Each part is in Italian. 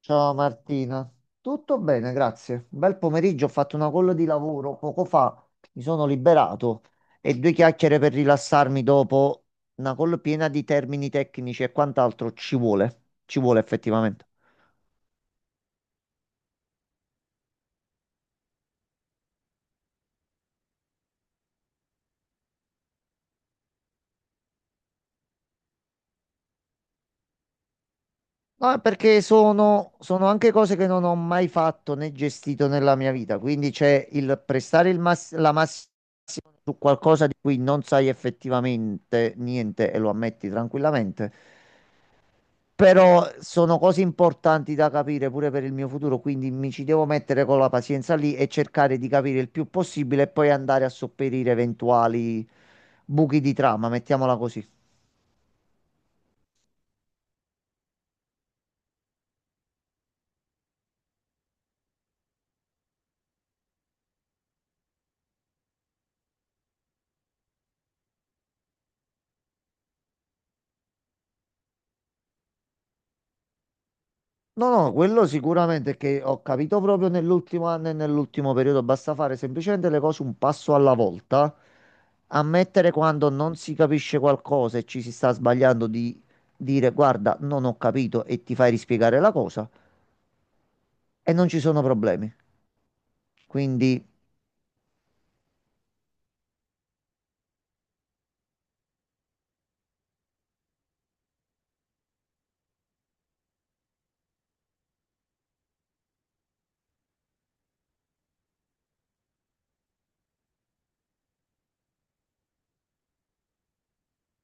Ciao Martina, tutto bene, grazie. Bel pomeriggio, ho fatto una call di lavoro poco fa, mi sono liberato e due chiacchiere per rilassarmi dopo una call piena di termini tecnici e quant'altro ci vuole effettivamente. No, è perché sono anche cose che non ho mai fatto né gestito nella mia vita, quindi c'è il prestare la massima su qualcosa di cui non sai effettivamente niente e lo ammetti tranquillamente. Però sono cose importanti da capire pure per il mio futuro, quindi mi ci devo mettere con la pazienza lì e cercare di capire il più possibile e poi andare a sopperire eventuali buchi di trama, mettiamola così. No, no, quello sicuramente è che ho capito proprio nell'ultimo anno e nell'ultimo periodo, basta fare semplicemente le cose un passo alla volta, ammettere quando non si capisce qualcosa e ci si sta sbagliando di dire guarda, non ho capito e ti fai rispiegare la cosa e non ci sono problemi. Quindi.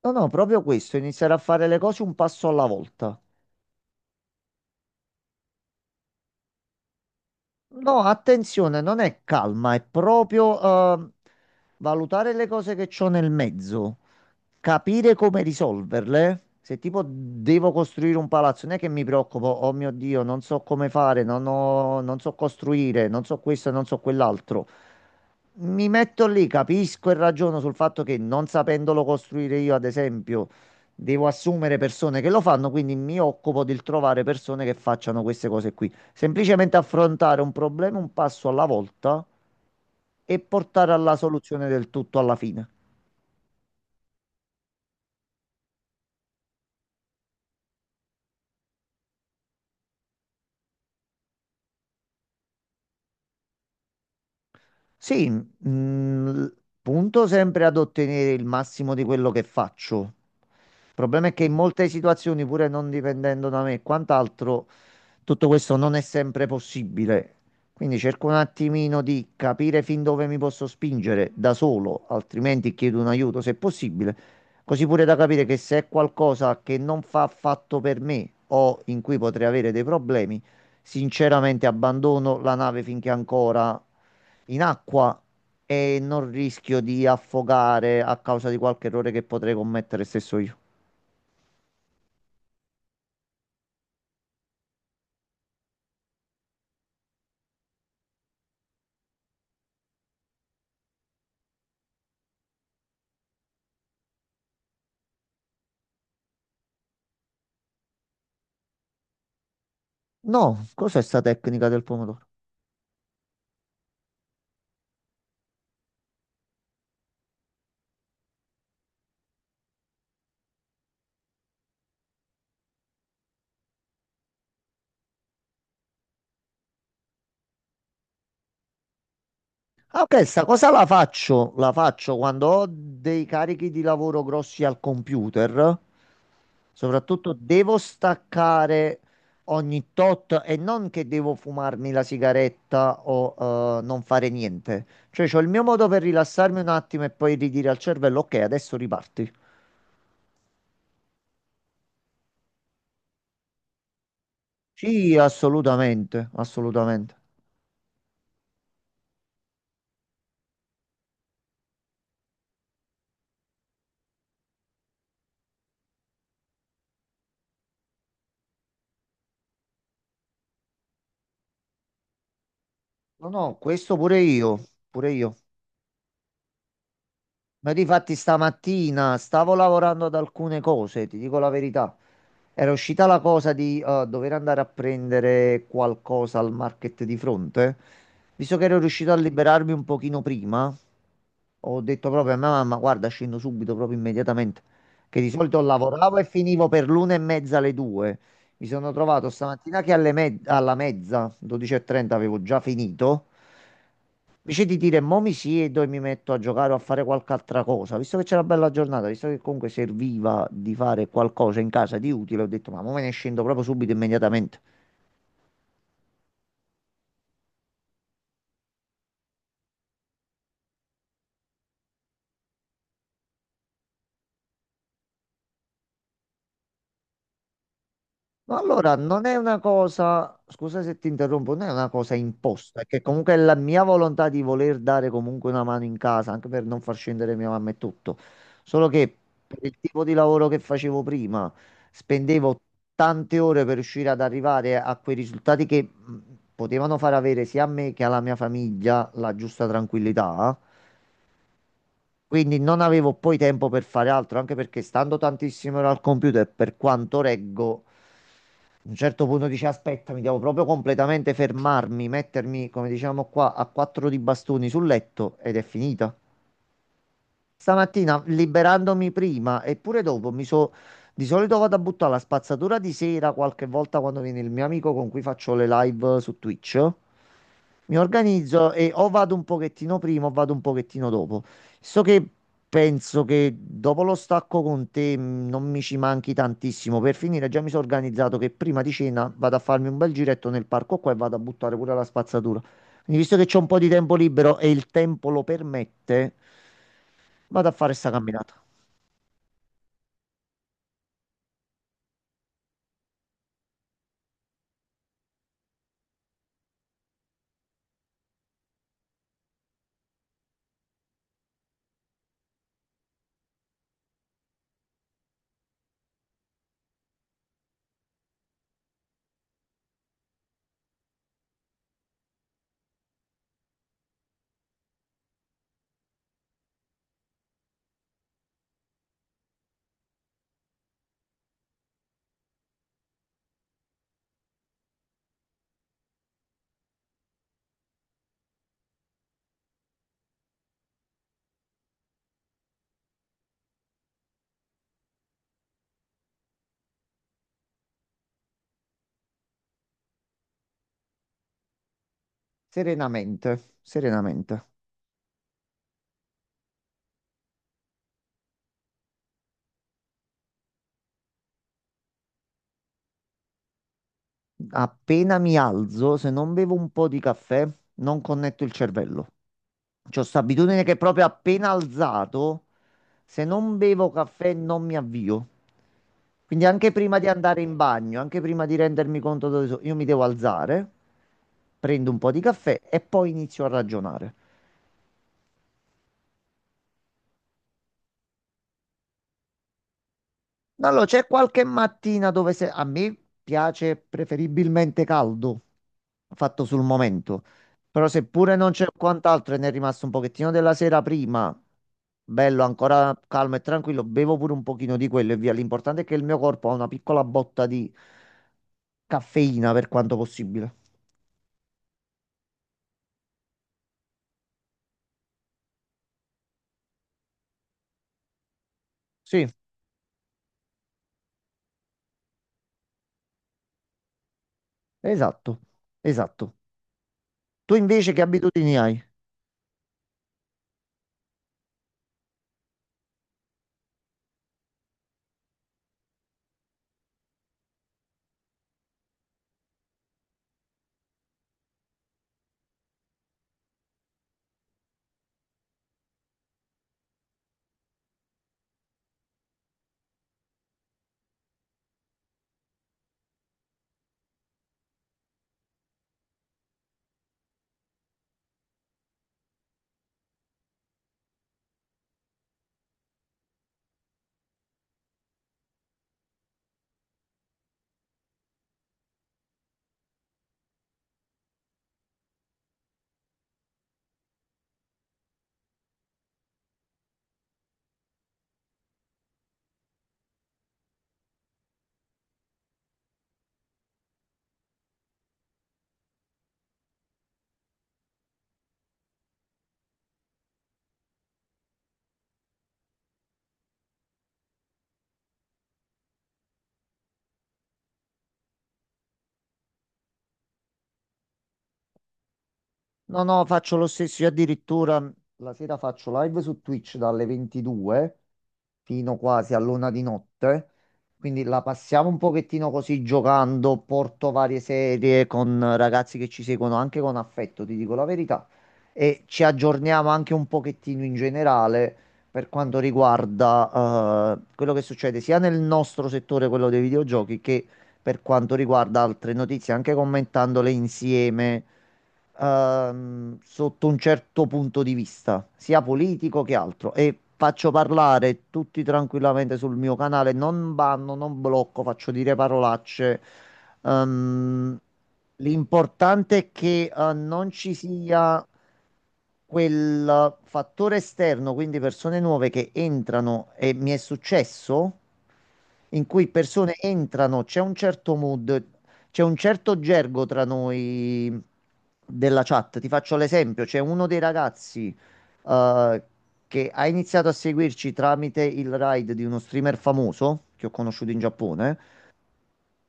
No, no, proprio questo, iniziare a fare le cose un passo alla volta. No, attenzione, non è calma, è proprio eh, valutare le cose che c'ho nel mezzo, capire come risolverle. Se tipo devo costruire un palazzo, non è che mi preoccupo, oh mio Dio, non so come fare, non so costruire, non so questo, non so quell'altro. Mi metto lì, capisco e ragiono sul fatto che non sapendolo costruire io, ad esempio, devo assumere persone che lo fanno, quindi mi occupo del trovare persone che facciano queste cose qui. Semplicemente affrontare un problema un passo alla volta e portare alla soluzione del tutto alla fine. Sì, punto sempre ad ottenere il massimo di quello che faccio. Il problema è che in molte situazioni, pure non dipendendo da me e quant'altro, tutto questo non è sempre possibile, quindi cerco un attimino di capire fin dove mi posso spingere da solo, altrimenti chiedo un aiuto se possibile, così pure da capire che se è qualcosa che non fa affatto per me o in cui potrei avere dei problemi, sinceramente abbandono la nave finché è ancora in acqua e non rischio di affogare a causa di qualche errore che potrei commettere stesso io. No, cos'è sta tecnica del pomodoro? Ah, ok, sta cosa la faccio quando ho dei carichi di lavoro grossi al computer. Soprattutto devo staccare ogni tot e non che devo fumarmi la sigaretta o non fare niente. Cioè, c'ho il mio modo per rilassarmi un attimo e poi ridire al cervello, ok, adesso riparti. Sì, assolutamente, assolutamente. No, no, questo pure io, pure io. Ma difatti stamattina stavo lavorando ad alcune cose, ti dico la verità. Era uscita la cosa di dover andare a prendere qualcosa al market di fronte. Visto che ero riuscito a liberarmi un pochino prima, ho detto proprio a mia mamma, guarda, scendo subito, proprio immediatamente. Che di solito lavoravo e finivo per l'una e mezza alle due. Mi sono trovato stamattina che alla mezza, 12.30, avevo già finito. Invece di dire mo mi siedo e mi metto a giocare o a fare qualche altra cosa, visto che c'era una bella giornata, visto che comunque serviva di fare qualcosa in casa di utile, ho detto ma mo me ne scendo proprio subito, immediatamente. Ma allora, non è una cosa, scusa se ti interrompo, non è una cosa imposta, è che comunque è la mia volontà di voler dare comunque una mano in casa, anche per non far scendere mia mamma e tutto. Solo che per il tipo di lavoro che facevo prima, spendevo tante ore per riuscire ad arrivare a quei risultati che potevano far avere sia a me che alla mia famiglia la giusta tranquillità. Quindi non avevo poi tempo per fare altro, anche perché stando tantissime ore al computer, per quanto reggo. A un certo punto dici, aspetta, mi devo proprio completamente fermarmi, mettermi, come diciamo qua, a quattro di bastoni sul letto ed è finita. Stamattina liberandomi prima e pure dopo. Di solito vado a buttare la spazzatura di sera, qualche volta quando viene il mio amico con cui faccio le live su Twitch. Mi organizzo e o vado un pochettino prima o vado un pochettino dopo. So che penso che dopo lo stacco con te non mi ci manchi tantissimo. Per finire, già mi sono organizzato che prima di cena vado a farmi un bel giretto nel parco qua e vado a buttare pure la spazzatura. Quindi, visto che c'ho un po' di tempo libero e il tempo lo permette, vado a fare sta camminata. Serenamente, serenamente. Appena mi alzo, se non bevo un po' di caffè, non connetto il cervello. C'ho sta abitudine che proprio appena alzato, se non bevo caffè non mi avvio. Quindi anche prima di andare in bagno, anche prima di rendermi conto dove sono, io mi devo alzare, prendo un po' di caffè e poi inizio a ragionare. Allora, c'è qualche mattina dove a me piace preferibilmente caldo, fatto sul momento, però seppure non c'è quant'altro e ne è rimasto un pochettino della sera prima, bello, ancora calmo e tranquillo, bevo pure un pochino di quello e via. L'importante è che il mio corpo ha una piccola botta di caffeina per quanto possibile. Sì, esatto, esatto. Tu invece che abitudini hai? No, no, faccio lo stesso. Io addirittura la sera faccio live su Twitch dalle 22 fino quasi all'una di notte. Quindi la passiamo un pochettino così giocando. Porto varie serie con ragazzi che ci seguono anche con affetto, ti dico la verità. E ci aggiorniamo anche un pochettino in generale per quanto riguarda quello che succede sia nel nostro settore, quello dei videogiochi, che per quanto riguarda altre notizie, anche commentandole insieme sotto un certo punto di vista, sia politico che altro. E faccio parlare tutti tranquillamente sul mio canale, non banno, non blocco, faccio dire parolacce. Ehm, L'importante è che non ci sia quel fattore esterno, quindi persone nuove che entrano e mi è successo, in cui persone entrano, c'è un certo mood, c'è un certo gergo tra noi della chat. Ti faccio l'esempio, c'è uno dei ragazzi eh, che ha iniziato a seguirci tramite il ride di uno streamer famoso che ho conosciuto in Giappone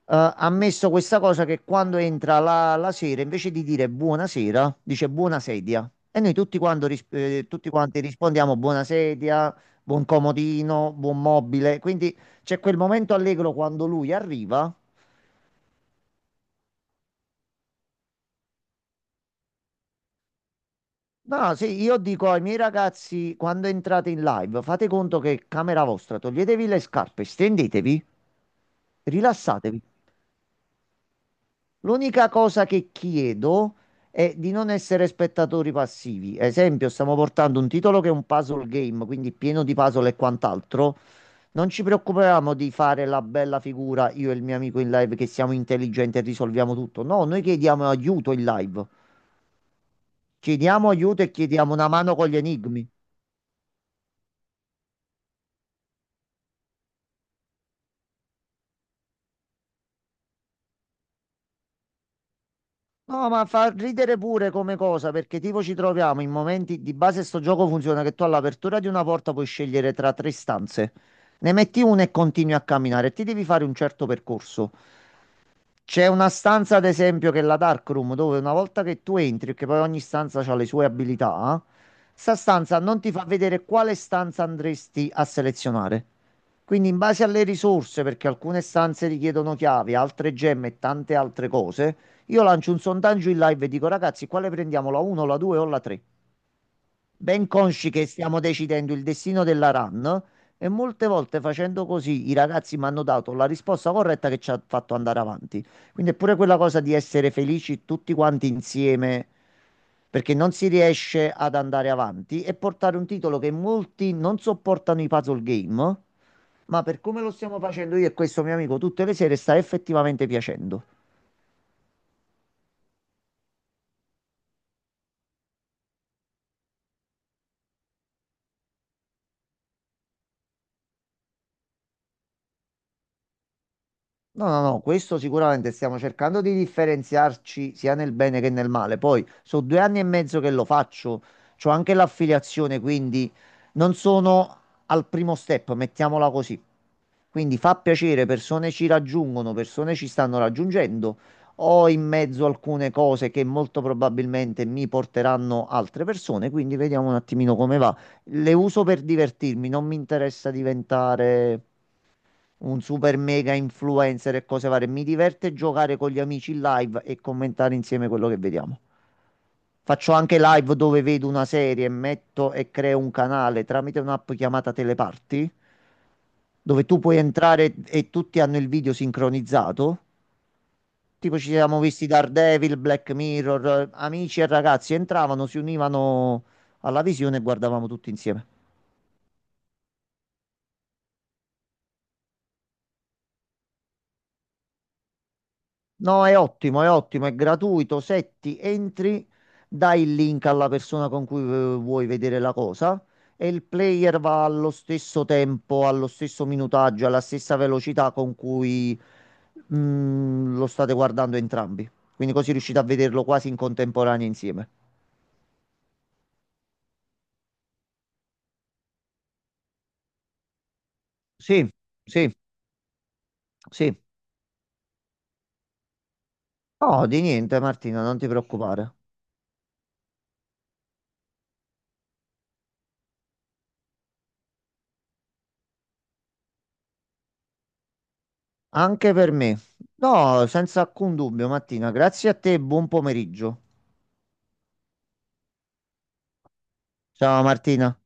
ha messo questa cosa che quando entra la sera, invece di dire buonasera, dice buona sedia. E noi tutti, tutti quanti rispondiamo buona sedia, buon comodino, buon mobile. Quindi c'è quel momento allegro quando lui arriva. No, sì, io dico ai miei ragazzi, quando entrate in live, fate conto che è camera vostra, toglietevi le scarpe, stendetevi, rilassatevi. L'unica cosa che chiedo è di non essere spettatori passivi. Esempio, stiamo portando un titolo che è un puzzle game, quindi pieno di puzzle e quant'altro. Non ci preoccupiamo di fare la bella figura, io e il mio amico in live, che siamo intelligenti e risolviamo tutto. No, noi chiediamo aiuto in live. Chiediamo aiuto e chiediamo una mano con gli enigmi. No, ma fa ridere pure come cosa, perché tipo ci troviamo in momenti di base sto gioco funziona che tu all'apertura di una porta puoi scegliere tra tre stanze. Ne metti una e continui a camminare, ti devi fare un certo percorso. C'è una stanza, ad esempio, che è la Dark Room, dove una volta che tu entri, perché poi ogni stanza ha le sue abilità, sta stanza non ti fa vedere quale stanza andresti a selezionare. Quindi, in base alle risorse, perché alcune stanze richiedono chiavi, altre gemme e tante altre cose, io lancio un sondaggio in live e dico, ragazzi, quale prendiamo, la 1, la 2 o la 3? Ben consci che stiamo decidendo il destino della RAN e molte volte facendo così i ragazzi mi hanno dato la risposta corretta che ci ha fatto andare avanti. Quindi è pure quella cosa di essere felici tutti quanti insieme perché non si riesce ad andare avanti e portare un titolo che molti non sopportano i puzzle game, ma per come lo stiamo facendo io e questo mio amico tutte le sere sta effettivamente piacendo. No, no, no, questo sicuramente stiamo cercando di differenziarci sia nel bene che nel male. Poi, sono 2 anni e mezzo che lo faccio, c'ho anche l'affiliazione, quindi non sono al primo step, mettiamola così. Quindi fa piacere, persone ci raggiungono, persone ci stanno raggiungendo. Ho in mezzo alcune cose che molto probabilmente mi porteranno altre persone, quindi vediamo un attimino come va. Le uso per divertirmi, non mi interessa diventare un super mega influencer e cose varie. Mi diverte giocare con gli amici in live e commentare insieme quello che vediamo. Faccio anche live dove vedo una serie, metto e creo un canale tramite un'app chiamata Teleparty, dove tu puoi entrare e tutti hanno il video sincronizzato. Tipo ci siamo visti Daredevil, Black Mirror, amici e ragazzi entravano, si univano alla visione e guardavamo tutti insieme. No, è ottimo, è ottimo, è gratuito. Setti, entri, dai il link alla persona con cui vuoi vedere la cosa e il player va allo stesso tempo, allo stesso minutaggio, alla stessa velocità con cui lo state guardando entrambi. Quindi così riuscite a vederlo quasi in contemporanea insieme. Sì, sì, sì. No, di niente, Martina, non ti preoccupare. Anche per me. No, senza alcun dubbio, Martina. Grazie a te, buon pomeriggio. Ciao, Martina.